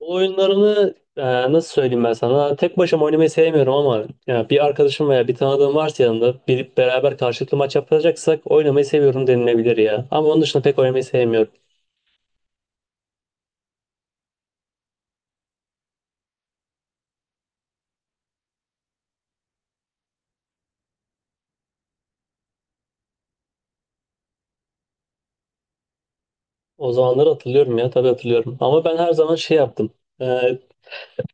Bu oyunlarını nasıl söyleyeyim ben sana? Tek başıma oynamayı sevmiyorum ama ya bir arkadaşım veya bir tanıdığım varsa yanında bir beraber karşılıklı maç yapacaksak oynamayı seviyorum denilebilir ya. Ama onun dışında pek oynamayı sevmiyorum. O zamanları hatırlıyorum ya, tabii hatırlıyorum. Ama ben her zaman şey yaptım. E,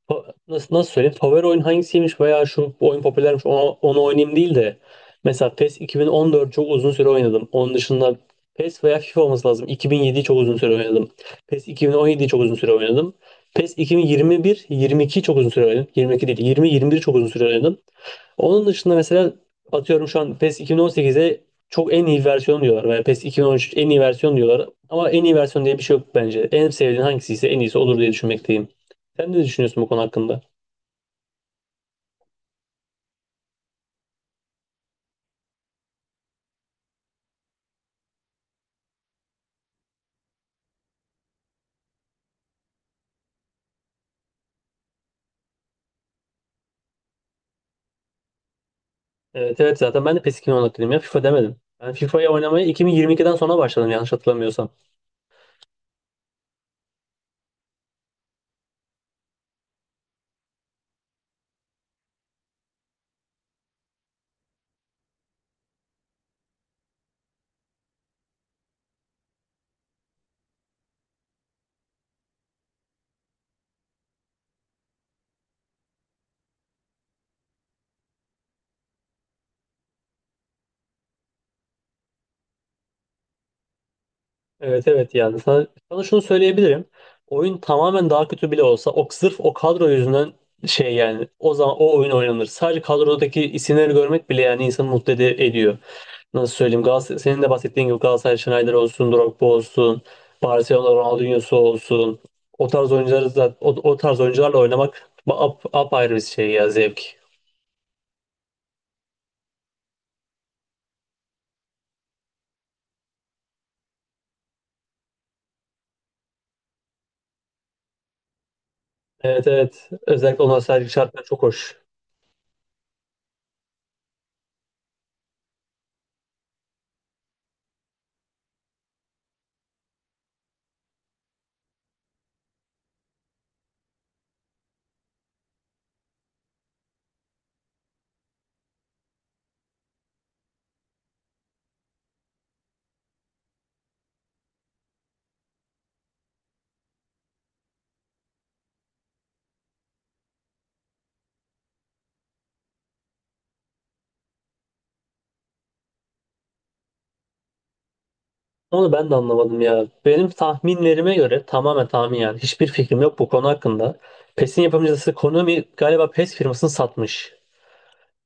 nasıl söyleyeyim? Favori oyun hangisiymiş veya şu bu oyun popülermiş onu oynayayım değil de mesela PES 2014 çok uzun süre oynadım. Onun dışında PES veya FIFA olması lazım. 2007'yi çok uzun süre oynadım. PES 2017'yi çok uzun süre oynadım. PES 2021, 22 çok uzun süre oynadım. 22 değil, 20, 21 çok uzun süre oynadım. Onun dışında mesela atıyorum şu an PES 2018'e çok en iyi versiyon diyorlar veya PES 2013 en iyi versiyon diyorlar. Ama en iyi versiyon diye bir şey yok bence. En sevdiğin hangisi ise en iyisi olur diye düşünmekteyim. Sen ne düşünüyorsun bu konu hakkında? Evet, evet, zaten ben de PES 2010 hakkındayım ya, FIFA demedim. Ben FIFA'yı oynamaya 2022'den sonra başladım, yanlış hatırlamıyorsam. Evet, evet, yani sana şunu söyleyebilirim. Oyun tamamen daha kötü bile olsa, o sırf o kadro yüzünden şey, yani o zaman o oyun oynanır. Sadece kadrodaki isimleri görmek bile yani insanı mutlu ediyor. Nasıl söyleyeyim, Galatasaray, senin de bahsettiğin gibi Galatasaray Schneider olsun, Drogba olsun, Barcelona Ronaldinho'su olsun. O tarz oyuncuları da, o tarz oyuncularla oynamak apayrı bir şey ya, zevk. Evet, evet, özellikle o nostalji şartlar çok hoş. Onu ben de anlamadım ya. Benim tahminlerime göre, tamamen tahmin yani. Hiçbir fikrim yok bu konu hakkında. PES'in yapımcısı Konami galiba PES firmasını satmış.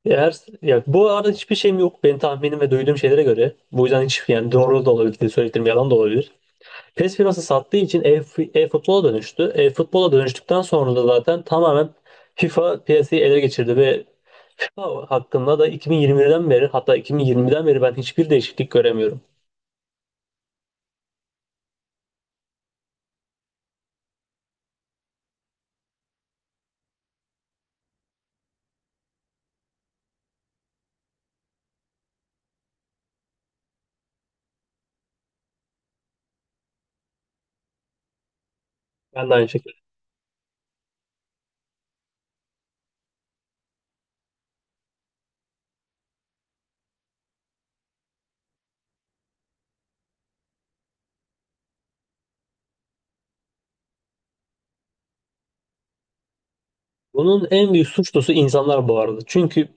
Eğer, ya bu arada hiçbir şeyim yok, benim tahminim ve duyduğum şeylere göre. Bu yüzden hiç yani doğru da olabilir, söylediğim yalan da olabilir. PES firması sattığı için e-futbola dönüştü. E-futbola dönüştükten sonra da zaten tamamen FIFA piyasayı ele geçirdi ve FIFA hakkında da 2020'den beri, hatta 2020'den beri ben hiçbir değişiklik göremiyorum. Ben de aynı şekilde. Bunun en büyük suçlusu insanlar bu arada. Çünkü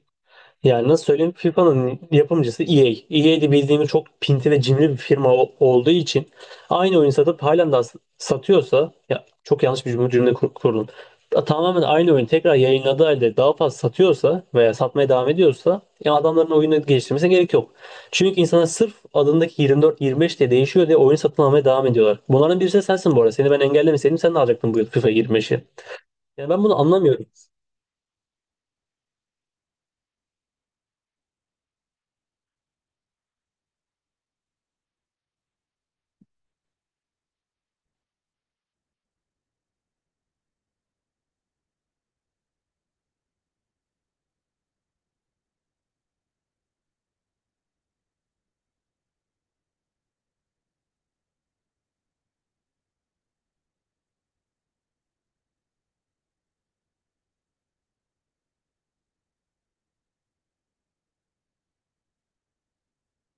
yani nasıl söyleyeyim, FIFA'nın yapımcısı EA. EA de bildiğimiz çok pinti ve cimri bir firma olduğu için aynı oyun satıp halen daha satıyorsa, ya çok yanlış bir cümle kurdum. Tamamen aynı oyun tekrar yayınladığı halde daha fazla satıyorsa veya satmaya devam ediyorsa, ya adamların oyunu geliştirmesine gerek yok. Çünkü insanlar sırf adındaki 24-25 diye değişiyor diye oyun satın almaya devam ediyorlar. Bunların birisi de sensin bu arada. Seni ben engellemeseydim sen de alacaktın bu yıl FIFA 25'i. Yani ben bunu anlamıyorum.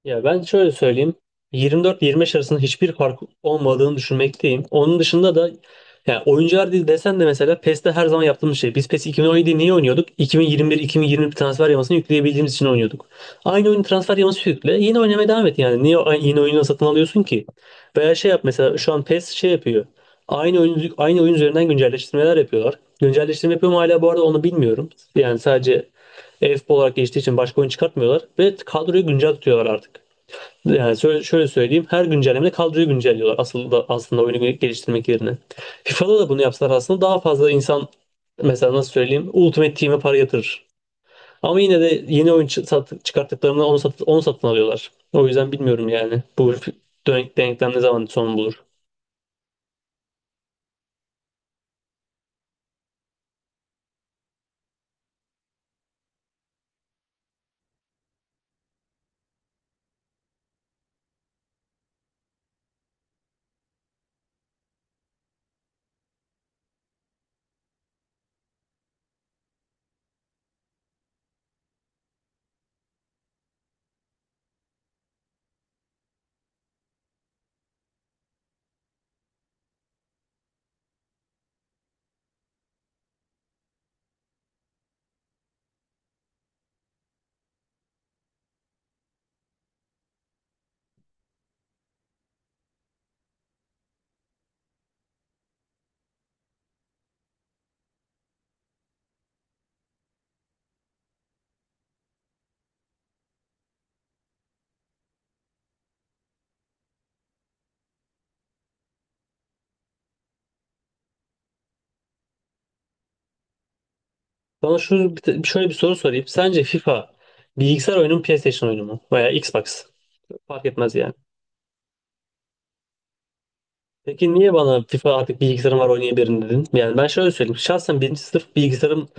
Ya ben şöyle söyleyeyim. 24-25 arasında hiçbir fark olmadığını düşünmekteyim. Onun dışında da yani oyuncular değil desen de, mesela PES'te her zaman yaptığımız şey. Biz PES 2017 niye oynuyorduk? Bin yirmi bir iki yirmi bir transfer yamasını yükleyebildiğimiz için oynuyorduk. Aynı oyun, transfer yaması yükle. Yine oynamaya devam et yani. Niye yeni oyunu satın alıyorsun ki? Veya şey yap, mesela şu an PES şey yapıyor. Aynı oyun üzerinden güncelleştirmeler yapıyorlar. Güncelleştirme yapıyor mu hala bu arada, onu bilmiyorum. Yani sadece e-futbol olarak geçtiği için başka oyun çıkartmıyorlar. Ve kadroyu güncel tutuyorlar artık. Yani şöyle söyleyeyim. Her güncellemede kadroyu güncelliyorlar aslında oyunu geliştirmek yerine. FIFA'da da bunu yapsalar aslında daha fazla insan, mesela nasıl söyleyeyim, Ultimate Team'e para yatırır. Ama yine de yeni oyun çıkarttıklarında onu satın alıyorlar. O yüzden bilmiyorum yani bu denklem ne zaman son bulur. Bana şöyle bir soru sorayım. Sence FIFA bilgisayar oyunu mu, PlayStation oyunu mu? Veya Xbox? Fark etmez yani. Peki niye bana FIFA artık bilgisayarım var oynayabilirim dedin? Yani ben şöyle söyleyeyim. Şahsen birinci sınıf bilgisayarım.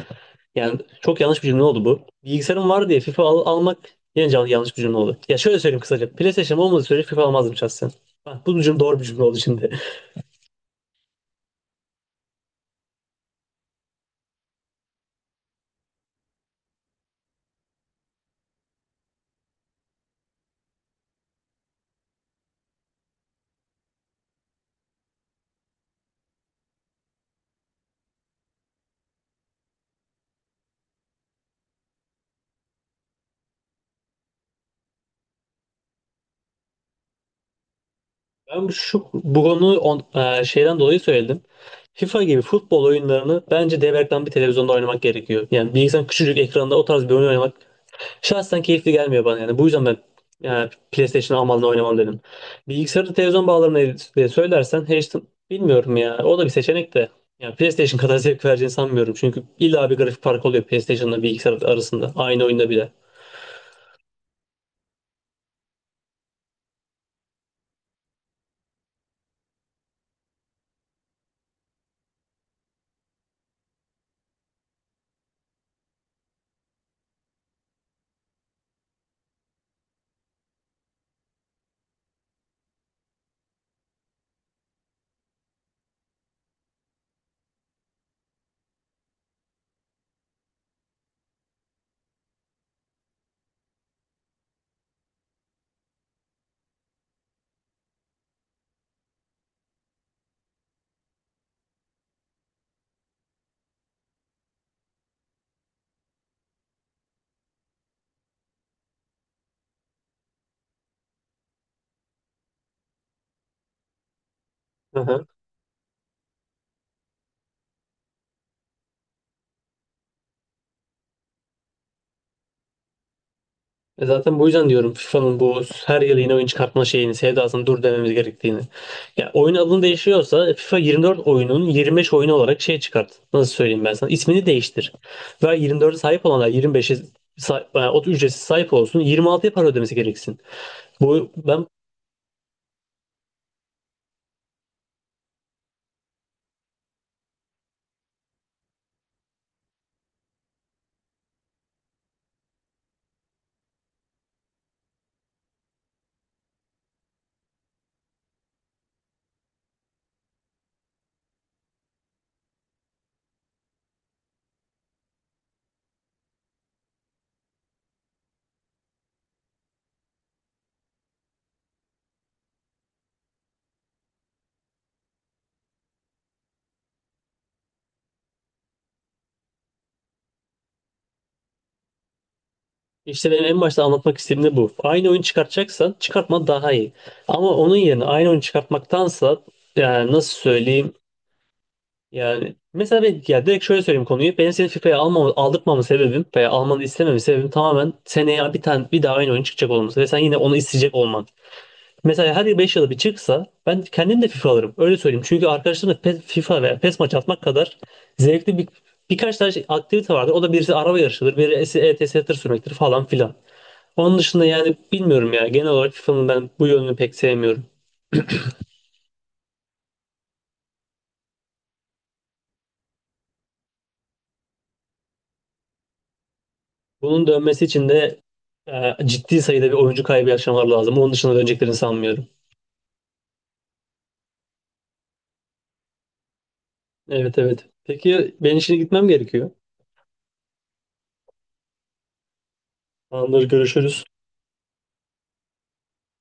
Yani çok yanlış bir cümle oldu bu. Bilgisayarım var diye FIFA almak, yine yanlış bir cümle oldu. Ya şöyle söyleyeyim kısaca. PlayStation olmadığı sürece FIFA almazdım şahsen. Bak, bu cümle doğru bir cümle oldu şimdi. Ben bu- şu bu konuyu şeyden dolayı söyledim. FIFA gibi futbol oyunlarını bence dev ekran bir televizyonda oynamak gerekiyor. Yani bilgisayarın küçücük ekranda o tarz bir oyun oynamak şahsen keyifli gelmiyor bana yani. Bu yüzden ben yani PlayStation almadan oynamam dedim. Bilgisayarı televizyon bağlarına diye söylersen, H'den bilmiyorum ya. O da bir seçenek de. Yani PlayStation kadar zevk vereceğini sanmıyorum. Çünkü illa bir grafik farkı oluyor PlayStation'la bilgisayar arasında. Aynı oyunda bile. E, zaten bu yüzden diyorum FIFA'nın bu her yıl yeni oyun çıkartma şeyini, sevdasını dur dememiz gerektiğini. Ya oyun adını değişiyorsa FIFA 24 oyunun 25 oyunu olarak şey çıkart. Nasıl söyleyeyim ben sana? İsmini değiştir. Ve 24'e sahip olanlar 25'e yani o ücretsiz sahip olsun. 26'ya para ödemesi gereksin. Bu ben. İşte benim en başta anlatmak istediğim de bu. Aynı oyun çıkartacaksan çıkartman daha iyi. Ama onun yerine aynı oyun çıkartmaktansa, yani nasıl söyleyeyim, yani mesela ben, ya direkt şöyle söyleyeyim konuyu. Benim seni FIFA'ya aldırtmamın sebebim veya almanı istememin sebebim tamamen seneye bir tane bir daha aynı oyun çıkacak olması ve sen yine onu isteyecek olman. Mesela her 5 yılda bir çıksa ben kendim de FIFA alırım. Öyle söyleyeyim. Çünkü arkadaşlarımla PES, FIFA veya PES maç atmak kadar zevkli birkaç tane aktivite vardır. O da birisi araba yarışıdır, birisi ETS tır sürmektir falan filan. Onun dışında yani bilmiyorum ya. Genel olarak FIFA'nın ben bu yönünü pek sevmiyorum. Bunun dönmesi için de ciddi sayıda bir oyuncu kaybı yaşamalar lazım. Onun dışında döneceklerini sanmıyorum. Evet, evet. Peki, ben işine gitmem gerekiyor. Tamamdır, görüşürüz.